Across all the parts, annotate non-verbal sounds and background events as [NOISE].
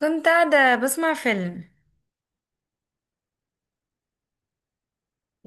كنت قاعدة بسمع فيلم.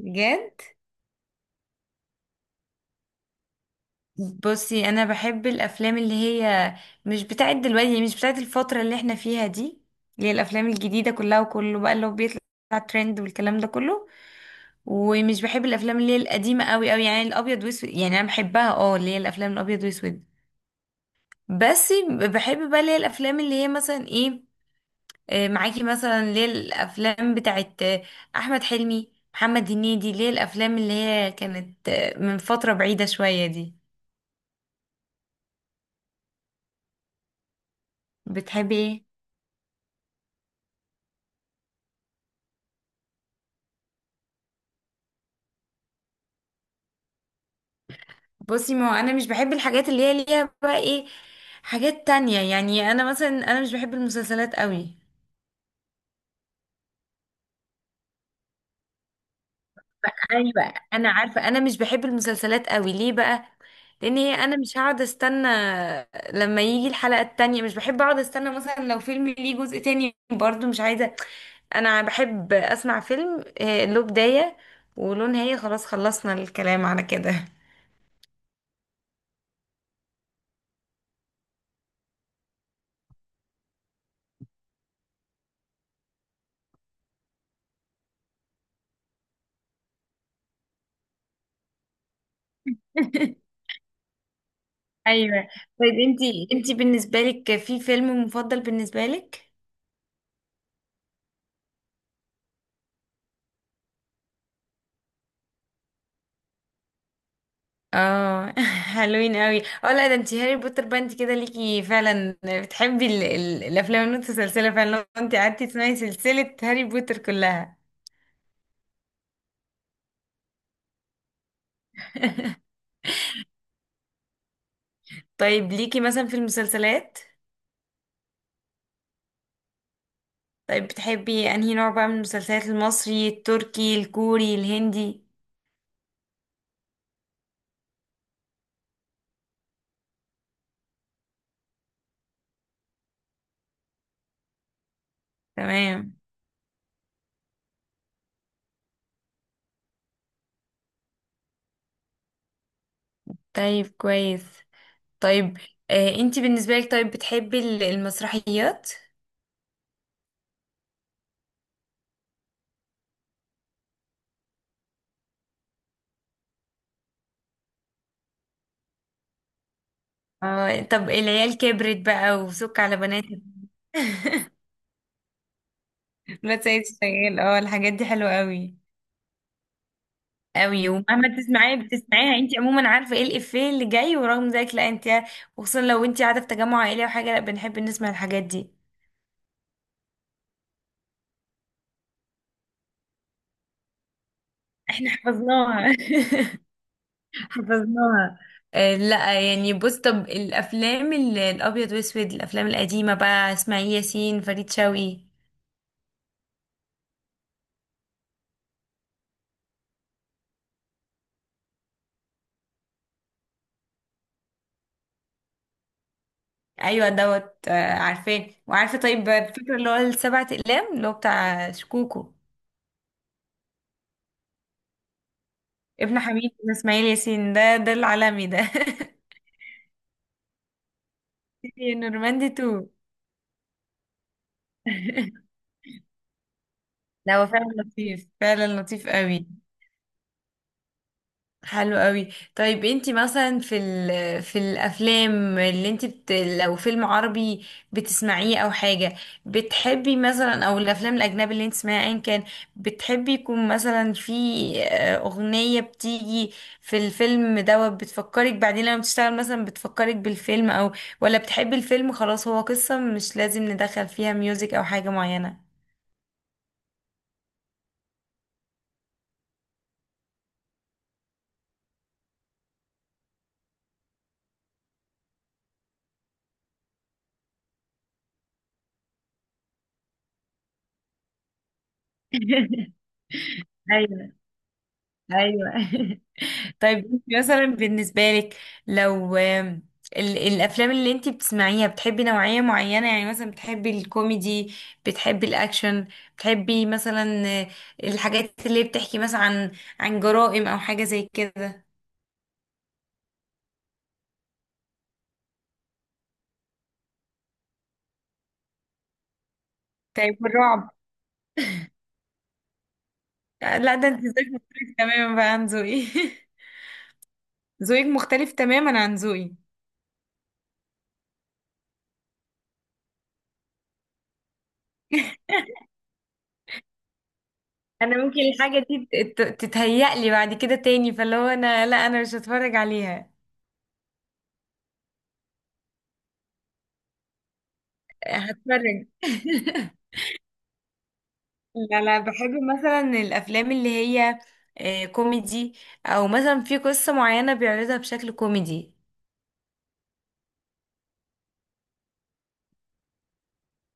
بجد؟ بصي، أنا بحب الأفلام اللي هي مش بتاعت دلوقتي، مش بتاعت الفترة اللي احنا فيها دي، اللي هي الأفلام الجديدة كلها وكله بقى اللي هو بيطلع ترند والكلام ده كله. ومش بحب الأفلام اللي هي القديمة قوي قوي، يعني الأبيض وأسود. يعني أنا بحبها، اه، اللي هي الأفلام الأبيض وأسود. بس بحب بقى اللي هي الأفلام اللي هي مثلا ايه، معاكي، مثلا ليه الافلام بتاعت احمد حلمي محمد هنيدي، ليه الافلام اللي هي كانت من فتره بعيده شويه دي. بتحبي ايه؟ بصي، ما هو انا مش بحب الحاجات اللي هي ليها بقى ايه، حاجات تانية. يعني انا مثلا انا مش بحب المسلسلات قوي. ايوه انا عارفه، انا مش بحب المسلسلات قوي ليه بقى. لان هي انا مش هقعد استنى لما يجي الحلقه التانية، مش بحب اقعد استنى. مثلا لو فيلم ليه جزء تاني برضو مش عايزه. انا بحب اسمع فيلم له بداية وله نهاية، خلاص خلصنا الكلام على كده. [LAUGHS] ايوه. طيب انتي بالنسبه لك في فيلم مفضل بالنسبه لك؟ اه [LAUGHS] حلوين قوي. اه لا، ده انتي هاري بوتر بقى، انتي كده ليكي فعلا، بتحبي ال ال الافلام المتسلسله فعلا، لو انتي قعدتي تسمعي سلسله هاري بوتر كلها. طيب ليكي مثلا في المسلسلات؟ طيب بتحبي انهي نوع بقى من المسلسلات، المصري التركي الكوري الهندي؟ تمام. طيب كويس. طيب، انتي بالنسبة لك، طيب بتحبي ال- المسرحيات؟ اه طب العيال كبرت بقى وسك على بناتك. [LAUGHS] ولاد سيد الشغال. [LAUGHS] اه الحاجات دي حلوة قوي. قوي، ومهما تسمعيها بتسمعيها، انتي عموما عارفة ايه الإفيه اللي جاي، ورغم ذلك لا، انتي وخصوصا لو انتي قاعدة في تجمع عائلي او حاجة، لا بنحب نسمع الحاجات دي. حفظناها. [LAUGHS] حفظناها. لا يعني بص، طب الافلام ال- الابيض واسود، الافلام القديمه بقى، اسماعيل ياسين فريد شوقي. ايوه دوت، عارفاه وعارفه. طيب الفكره اللي هو السبع اقلام اللي هو بتاع شكوكو. ابن حميد بن اسماعيل ياسين، ده العالمي ده. [LAUGHS] نورماندي تو. [LAUGHS] لا، هو فعلا لطيف، فعلا لطيف قوي. حلو قوي. طيب انتي مثلا في ال... في الافلام اللي انتي بت... لو فيلم عربي بتسمعيه او حاجه بتحبي مثلا، او الافلام الاجنبي اللي انتي تسمعيها ايا كان، بتحبي يكون مثلا في اغنيه بتيجي في الفيلم دوت بتفكرك بعدين لما بتشتغل، مثلا بتفكرك بالفيلم، او ولا بتحبي الفيلم خلاص، هو قصه مش لازم ندخل فيها ميوزك او حاجه معينه. [LAUGHS] ايوه ايوه. [LAUGHS] طيب انت مثلا بالنسبة لك، لو ال- الأفلام اللي انت بتسمعيها بتحبي نوعية معينة، يعني مثلا بتحبي الكوميدي، بتحبي الأكشن، بتحبي مثلا الحاجات اللي بتحكي مثلا عن عن جرائم أو حاجة زي كده؟ طيب الرعب؟ لا ده انت ذوقك مختلف تماما بقى عن ذوقي. [LAUGHS] ذوقك مختلف تماما عن ذوقي. انا ممكن الحاجة دي تتهيأ لي بعد كده تاني، فاللي هو انا لا انا مش هتفرج عليها. هتفرج. [LAUGHS] لا لا، بحب مثلا الافلام اللي هي كوميدي، او مثلا في قصة معينة بيعرضها بشكل كوميدي.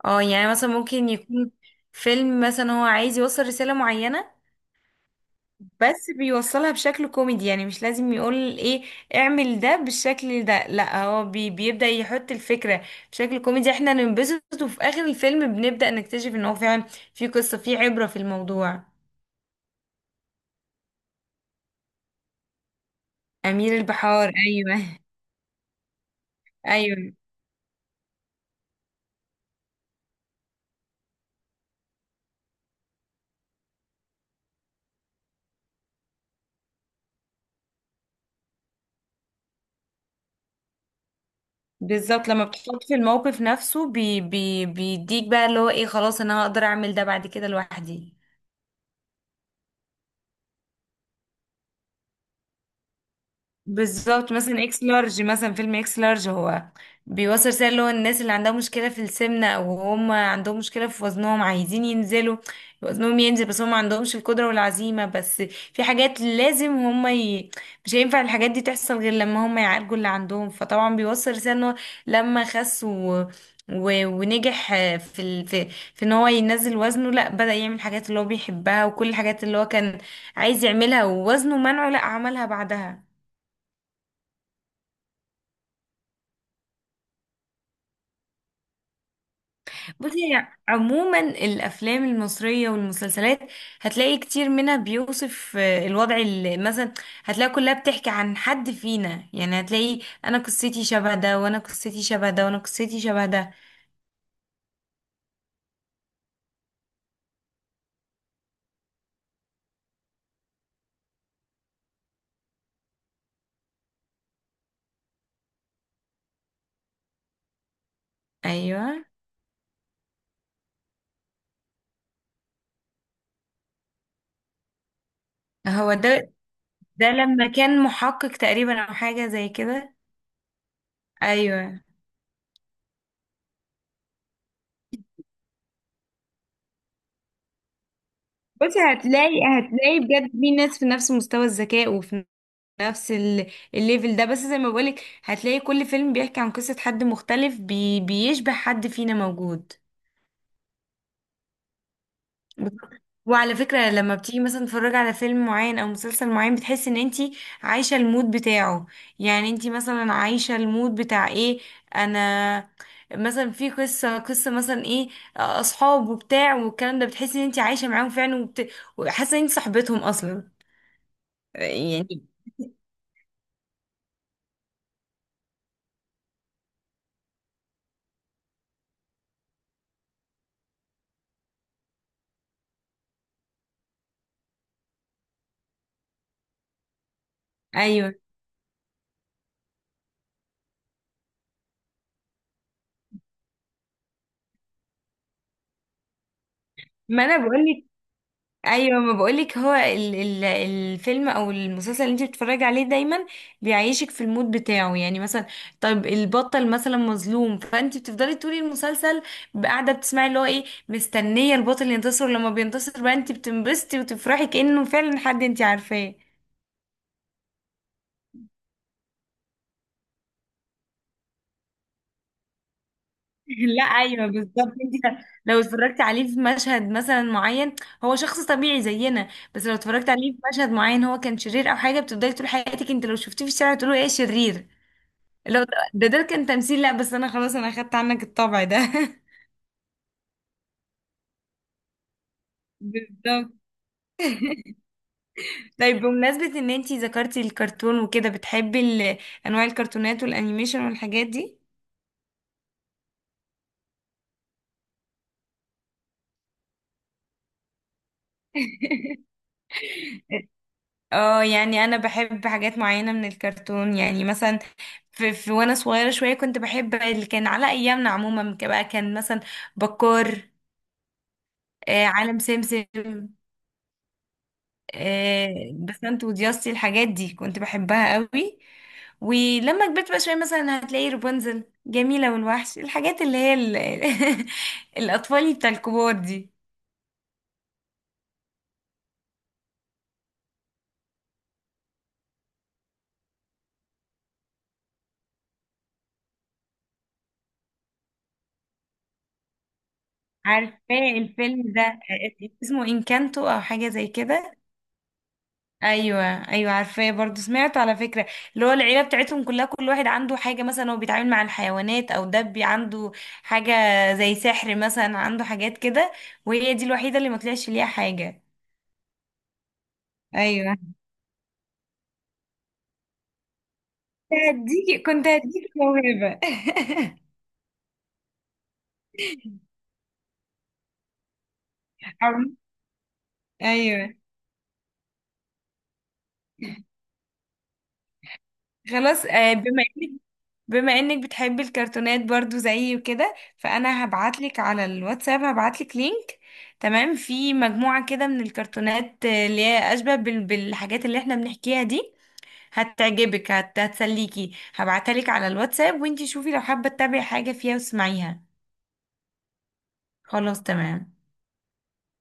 اه يعني مثلا ممكن يكون فيلم مثلا هو عايز يوصل رسالة معينة، بس بيوصلها بشكل كوميدي. يعني مش لازم يقول ايه اعمل ده بالشكل ده، لا هو بيبدأ يحط الفكرة بشكل كوميدي، احنا ننبسط، وفي اخر الفيلم بنبدأ نكتشف ان هو فعلا في قصة، في عبرة في الموضوع. أمير البحار ايوه. [LAUGHS] ايوه بالظبط، لما بتحط في الموقف نفسه بي بي بيديك بقى اللي هو ايه خلاص انا هقدر اعمل ده بعد كده لوحدي. بالظبط، مثلا اكس لارج، مثلا فيلم اكس لارج، هو بيوصل رسالة اللي هو الناس اللي عندها مشكلة في السمنة، او هم عندهم مشكلة في وزنهم، عايزين ينزلوا وزنهم ينزل، بس هم ما عندهمش القدرة والعزيمة. بس في حاجات لازم هم ي... مش هينفع الحاجات دي تحصل غير لما هم يعالجوا اللي عندهم. فطبعا بيوصل رسالة ان هو لما خس و... و... ونجح في ال... في في ان هو ينزل وزنه، لا بدأ يعمل الحاجات اللي هو بيحبها، وكل الحاجات اللي هو كان عايز يعملها ووزنه منعه، لا عملها بعدها. بصي هي عموما الافلام المصريه والمسلسلات، هتلاقي كتير منها بيوصف الوضع اللي مثلا، هتلاقي كلها بتحكي عن حد فينا، يعني هتلاقي انا قصتي شبه ده، وانا قصتي شبه ده، وانا قصتي شبه ده. ايوه. هو ده. ده لما كان محقق تقريبا او حاجه زي كده. ايوه. بصي هتلاقي، هتلاقي بجد في ناس في نفس مستوى الذكاء، وفي نفس ال- الليفل ده، بس زي ما بقولك هتلاقي كل فيلم بيحكي عن قصة حد مختلف بيشبه حد فينا موجود. بالظبط. وعلى فكرة لما بتيجي مثلا تتفرجي على فيلم معين او مسلسل معين، بتحس ان انتي عايشة المود بتاعه. يعني انتي مثلا عايشة المود بتاع ايه، انا مثلا في قصة مثلا ايه، اصحاب وبتاع والكلام ده، بتحسي ان انتي عايشة معاهم فعلا، وبت... وحاسة ان انتي صاحبتهم اصلا يعني. ايوه ما انا بقولك، ايوه ما بقولك هو ال ال الفيلم او المسلسل اللي انت بتتفرجي عليه دايما بيعيشك في المود بتاعه. يعني مثلا طيب البطل مثلا مظلوم، فانت بتفضلي طول المسلسل قاعده بتسمعي اللي هو ايه، مستنيه البطل ينتصر، لما بينتصر بقى انت بتنبسطي وتفرحي كانه فعلا حد انت عارفاه. [LAUGHS] لا ايوه بالظبط. انت لو اتفرجت عليه في مشهد مثلا معين، هو شخص طبيعي زينا، بس لو اتفرجت عليه في مشهد معين هو كان شرير او حاجه، بتفضلي طول حياتك انت لو شفتيه في الشارع تقولي ايه شرير. لو ده كان تمثيل، لا بس انا خلاص انا اخدت عنك الطبع ده. [LAUGHS] بالظبط. طيب بمناسبة ان انتي ذكرتي الكرتون وكده، بتحبي ال- انواع الكرتونات والانيميشن والحاجات دي؟ [LAUGHS] اه يعني انا بحب حاجات معينة من الكرتون، يعني مثلا في, في وانا صغيرة شوية كنت بحب اللي كان على ايامنا عموما، بقى كان مثلا بكار، عالم سمسم، بسنت ودياستي، الحاجات دي كنت بحبها قوي. ولما كبرت بقى شوية مثلا هتلاقي رابنزل، جميلة والوحش، الحاجات اللي هي ال... [LAUGHS] الأطفال بتاع الكبار دي. عارفاه الفيلم ده، اسمه إنكانتو أو حاجة زي كده. أيوة. أيوة عارفاه، برضو سمعته على فكرة. اللي هو العيلة بتاعتهم كلها كل واحد عنده حاجة، مثلا هو بيتعامل مع الحيوانات أو دبي عنده حاجة، زي سحر مثلا عنده حاجات كده، وهي دي الوحيدة اللي ما طلعش ليها حاجة. ايوه. كنت هديكي موهبة. [LAUGHS] عم- ايوه. خلاص، بما انك بتحبي الكرتونات برضو زيي وكده، فانا هبعتلك على الواتساب، هبعتلك لينك. تمام، في مجموعة كده من الكرتونات اللي هي اشبه بال- بالحاجات اللي احنا بنحكيها دي، هتعجبك، هتسليكي، هبعتها لك على الواتساب، وانتي شوفي لو حابة تتابعي حاجة فيها واسمعيها. خلاص تمام.